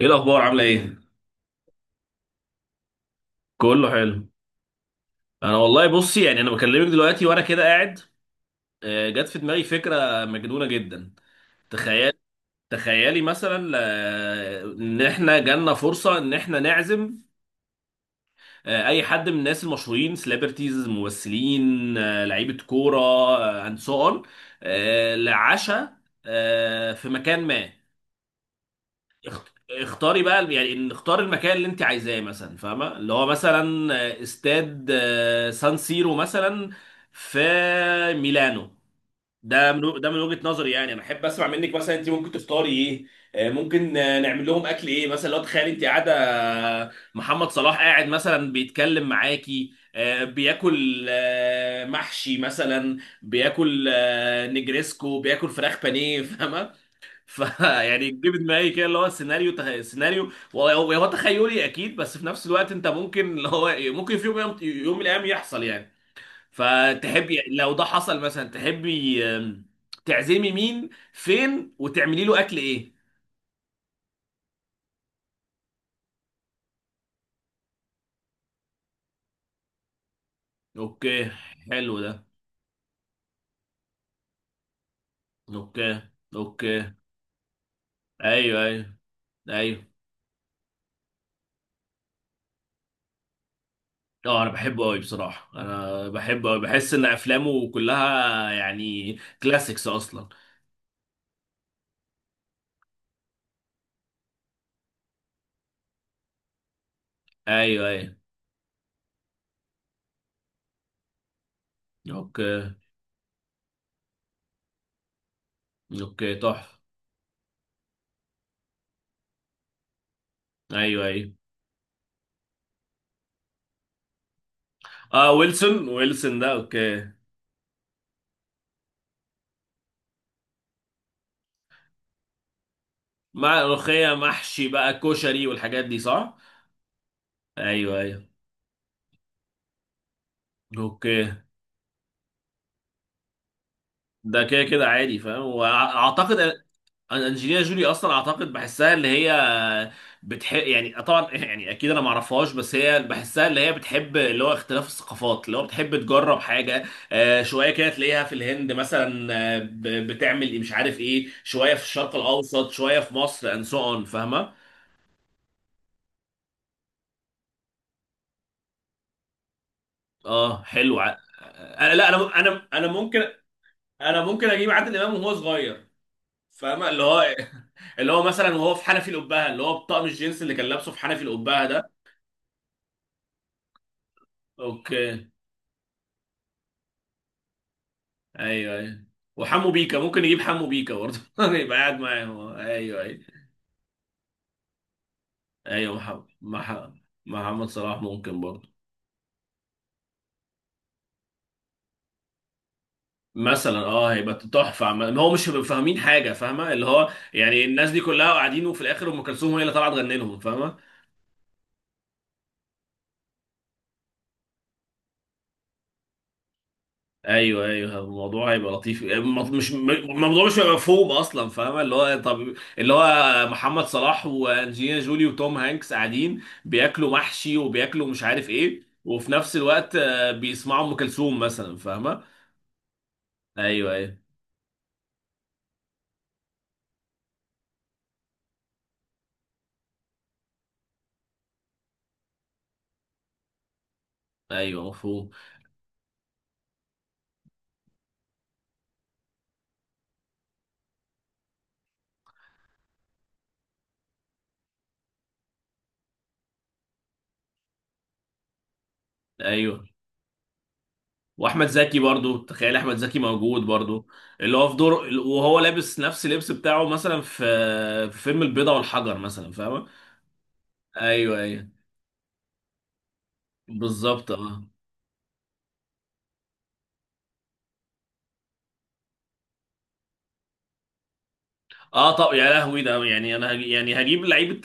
ايه الاخبار؟ عامله ايه؟ كله حلو. انا والله بصي، يعني انا بكلمك دلوقتي وانا كده قاعد. جت في دماغي فكره مجنونه جدا. تخيل، تخيلي مثلا ان احنا جالنا فرصه ان احنا نعزم اي حد من الناس المشهورين، سليبرتيز، ممثلين، لعيبه كوره اند سو اون، لعشاء في مكان ما. اختاري بقى، يعني نختار المكان اللي انت عايزاه، مثلا فاهمه اللي هو، مثلا استاد سان سيرو مثلا في ميلانو. ده من، ده من وجهة نظري، يعني انا احب اسمع منك مثلا انت ممكن تفطري ايه؟ ممكن نعمل لهم اكل ايه مثلا؟ لو تخيل انت قاعده، محمد صلاح قاعد مثلا بيتكلم معاكي، بياكل محشي مثلا، بياكل نجريسكو، بياكل فراخ بانيه، فاهمه؟ فيعني جيب دماغي كده اللي هو سيناريو سيناريو، هو تخيلي اكيد، بس في نفس الوقت انت ممكن اللي هو إيه، ممكن في يوم من الايام يحصل يعني. فتحبي لو ده حصل مثلا، تحبي تعزمي مين، فين، وتعملي له اكل ايه؟ اوكي، حلو ده. اوكي، اوكي، ايوه ايوه ايوه. اه انا بحبه قوي بصراحه، انا بحبه قوي، بحس ان افلامه كلها يعني كلاسيكس اصلا. ايوه ايوه. اوكي، اوكي، تحفه. ايوه ايوه. اه، ويلسون، ويلسون ده اوكي. مع ملوخيه محشي بقى كشري والحاجات دي، صح؟ ايوه ايوه. اوكي، ده كده كده عادي فاهم، انجلينا جولي اصلا، اعتقد بحسها اللي هي بتحب يعني طبعا يعني اكيد انا ما اعرفهاش، بس هي بحسها اللي هي بتحب اللي هو اختلاف الثقافات، اللي هو بتحب تجرب حاجه، شويه كده تلاقيها في الهند مثلا، بتعمل إيه مش عارف ايه، شويه في الشرق الاوسط، شويه في مصر، اند سو اون، فاهمه؟ اه حلو، انا لا، انا ممكن، انا ممكن اجيب عادل امام وهو صغير، فاهمه اللي هو، اللي هو مثلا وهو في حنفي القبهه، اللي هو بطقم الجينز اللي كان لابسه في حنفي القبهه ده. اوكي، ايوه ايوه. وحمو بيكا، ممكن يجيب حمو بيكا برضه يبقى قاعد معاه هو. ايوه ايوه ايوه، محمد، مح- محمد صلاح ممكن برضه. مثلا اه هيبقى تحفه، ما هو مش هيبقوا فاهمين حاجه، فاهمه اللي هو يعني الناس دي كلها قاعدين وفي الاخر ام كلثوم هي اللي طلعت تغني لهم، فاهمه؟ ايوه ايوه. الموضوع هيبقى لطيف، آه، م- مش م- الموضوع مش هيبقى مفهوم اصلا، فاهمه اللي هو، طب اللي هو محمد صلاح وانجلينا جولي وتوم هانكس قاعدين بياكلوا محشي وبياكلوا مش عارف ايه، وفي نفس الوقت بيسمعوا ام كلثوم مثلا، فاهمه؟ ايوه ايوه ايوه، مفهوم. ايوه. واحمد زكي برضو، تخيل احمد زكي موجود برضو، اللي هو في دور، وهو لابس نفس اللبس بتاعه مثلا في، في فيلم البيضه والحجر مثلا، فاهمه؟ ايوه ايوه، بالظبط اه. اه طب يا لهوي، ده يعني انا هجي، يعني هجيب لعيبه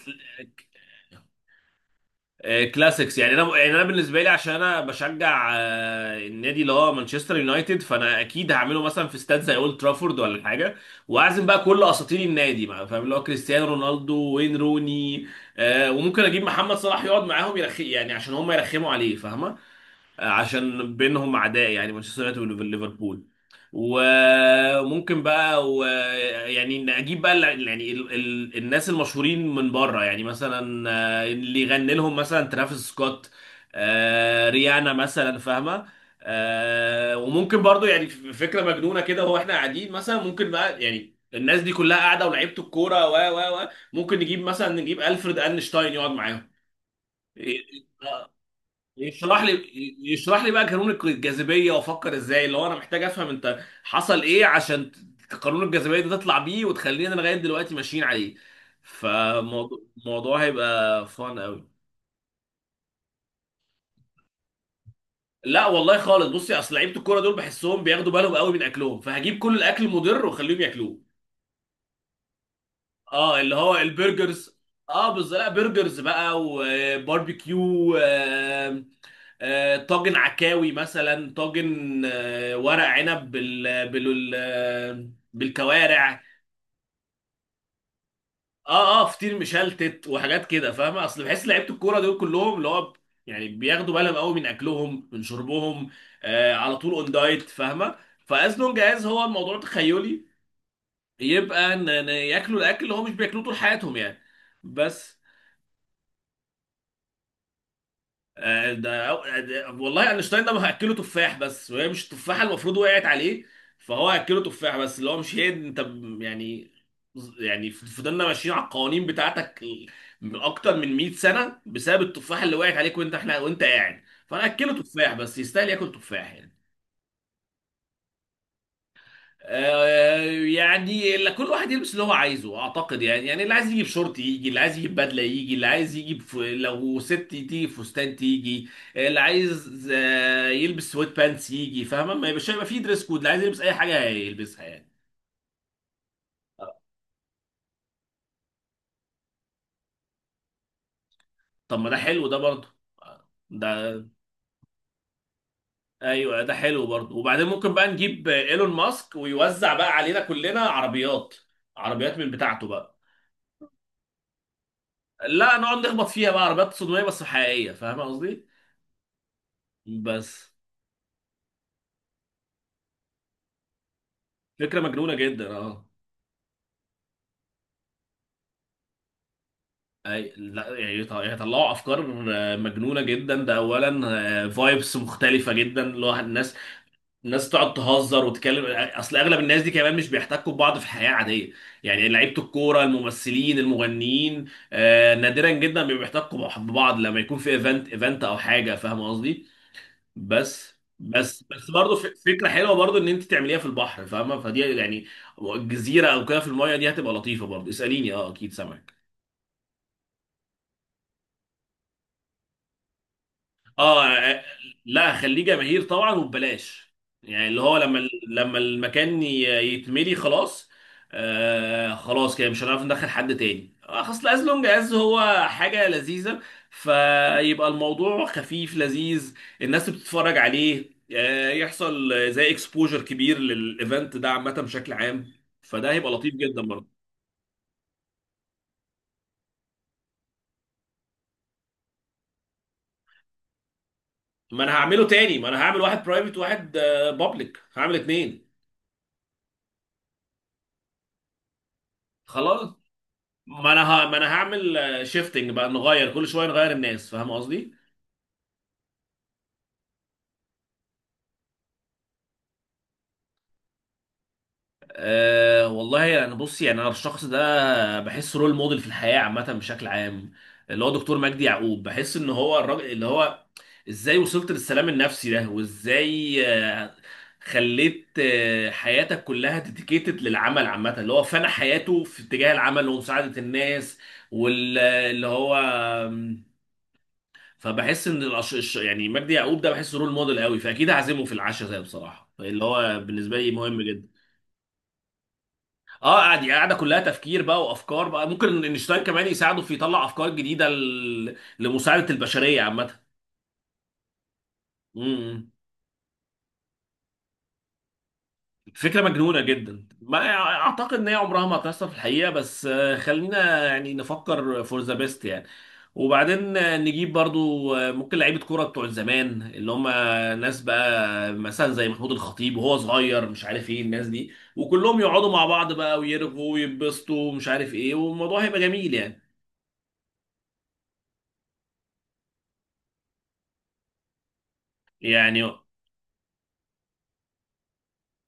كلاسيكس، يعني انا، يعني انا بالنسبه لي عشان انا بشجع النادي اللي هو مانشستر يونايتد، فانا اكيد هعمله مثلا في استاد زي اولد ترافورد ولا حاجه، واعزم بقى كل اساطير النادي بقى، فاهم اللي هو كريستيانو رونالدو، وين روني، وممكن اجيب محمد صلاح يقعد معاهم يرخي، يعني عشان هم يرخموا عليه، فاهمه؟ عشان بينهم عداء يعني، مانشستر يونايتد وليفربول. وممكن بقى يعني نجيب بقى يعني الناس المشهورين من بره، يعني مثلا اللي يغني لهم مثلا ترافيس سكوت، ريانا مثلا، فاهمه؟ وممكن برضو، يعني فكره مجنونه كده، هو احنا قاعدين مثلا، ممكن بقى يعني الناس دي كلها قاعده، ولعيبه الكوره و ممكن نجيب مثلا، نجيب الفريد اينشتاين يقعد معاهم، يشرح لي يشرح لي بقى قانون الجاذبيه، وافكر ازاي، اللي هو انا محتاج افهم انت حصل ايه عشان قانون الجاذبيه ده تطلع بيه وتخلينا لغايه دلوقتي ماشيين عليه. فموضوع، الموضوع هيبقى فان قوي. لا والله خالص، بصي، اصل لعيبه الكوره دول بحسهم بياخدوا بالهم قوي من اكلهم، فهجيب كل الاكل المضر واخليهم ياكلوه. اه اللي هو البرجرز، اه بالظبط، لا برجرز بقى وباربيكيو، طاجن عكاوي مثلا، طاجن ورق عنب، بالكوارع. اه اه، فطير مشلتت وحاجات كده، فاهمه؟ اصل بحس لعيبه الكوره دول كلهم اللي هو يعني بياخدوا بالهم قوي من اكلهم، من شربهم، على طول اون دايت، فاهمه؟ فازنون جاهز هو الموضوع، تخيلي، يبقى ان ياكلوا الاكل اللي هو مش بياكلوه طول حياتهم يعني، بس. والله اينشتاين ده هاكله تفاح بس، وهي مش التفاحه المفروض وقعت عليه، فهو هاكله تفاح بس، اللي هو مش هي، يعني، يعني فضلنا ماشيين على القوانين بتاعتك من اكتر من 100 سنه بسبب التفاحه اللي وقعت عليك، وانت، احنا وانت قاعد، فانا هاكله تفاح بس، يستاهل ياكل تفاح يعني. آه، يعني كل واحد يلبس اللي هو عايزه، اعتقد يعني، يعني اللي عايز يجيب شورت يجي، اللي عايز يجيب بدله يجي، اللي عايز يجيب لو ست تيجي فستان تيجي، اللي عايز يلبس سويت بانس يجي، فاهمه؟ ما يبقاش، هيبقى فيه دريس كود، اللي عايز يلبس اي حاجه هيلبسها يعني. طب ما ده حلو ده برضه، ده، ايوه ده حلو برضه. وبعدين ممكن بقى نجيب ايلون ماسك ويوزع بقى علينا كلنا عربيات، عربيات من بتاعته بقى. لا نقعد نخبط فيها بقى، عربيات صدميه بس حقيقيه، فاهمه قصدي؟ بس. فكرة مجنونة جدا اه. اي لا يعني يعني يطلعوا افكار مجنونة جدا، ده اولا. فايبس مختلفة جدا، اللي هو الناس، الناس تقعد تهزر وتتكلم، اصل اغلب الناس دي كمان مش بيحتكوا ببعض في حياة عادية، يعني لعيبة الكورة، الممثلين، المغنيين، نادرا جدا ما بيحتكوا ببعض، لما يكون في ايفنت، ايفنت او حاجة، فاهم قصدي؟ بس برضه، فكرة حلوة برضه ان انت تعمليها في البحر، فاهمة؟ فدي يعني جزيرة او كده في المايه دي، هتبقى لطيفة برضه. اسأليني اه، اكيد سامع. اه لا خليه جماهير طبعا وببلاش، يعني اللي هو لما، لما المكان يتملي خلاص، آه خلاص كده مش هنعرف ندخل حد تاني، خلاص، لونج از هو حاجه لذيذه، فيبقى الموضوع خفيف لذيذ، الناس بتتفرج عليه، آه يحصل زي اكسبوجر كبير للايفنت ده عامه بشكل عام، فده هيبقى لطيف جدا برضه. ما انا هعمله تاني، ما انا هعمل واحد برايفت وواحد بابليك، هعمل اتنين. خلاص، ما انا هعمل شيفتنج بقى، نغير كل شويه، نغير الناس، فاهم قصدي؟ أه والله انا يعني، بص يعني انا الشخص ده بحس رول موديل في الحياه عامه بشكل عام، اللي هو دكتور مجدي يعقوب. بحس ان هو الراجل اللي هو ازاي وصلت للسلام النفسي ده، وازاي خليت حياتك كلها ديديكيتد للعمل عامه، اللي هو فنى حياته في اتجاه العمل ومساعده الناس، واللي هو، فبحس ان يعني مجدي يعقوب ده بحسه رول موديل قوي، فاكيد هعزمه في العشاء ده بصراحه، اللي هو بالنسبه لي مهم جدا. اه قاعد، يعني قاعده كلها تفكير بقى وافكار بقى، ممكن انشتاين كمان يساعده في يطلع افكار جديده لمساعده البشريه عامه. إمم، إمم. فكرة مجنونة جدا، ما اعتقد ان هي عمرها ما هتحصل في الحقيقة، بس خلينا يعني نفكر فور ذا بيست يعني. وبعدين نجيب برضو ممكن لعيبة كورة بتوع زمان، اللي هم ناس بقى مثلا زي محمود الخطيب وهو صغير، مش عارف ايه الناس دي، وكلهم يقعدوا مع بعض بقى ويرغوا ويتبسطوا ومش عارف ايه، والموضوع هيبقى جميل يعني. يعني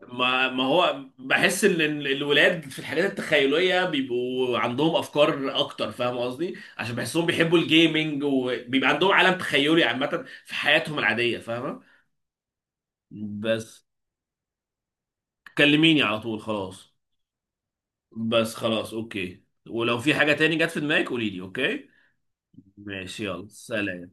ما هو بحس ان الولاد في الحاجات التخيليه بيبقوا عندهم افكار اكتر، فاهم قصدي؟ عشان بحسهم بيحبوا الجيمنج، وبيبقى عندهم عالم تخيلي عامه في حياتهم العاديه، فاهمه؟ بس. كلميني على طول خلاص. بس خلاص، اوكي، ولو في حاجه تاني جت في دماغك قولي لي، اوكي؟ ماشي يلا سلام.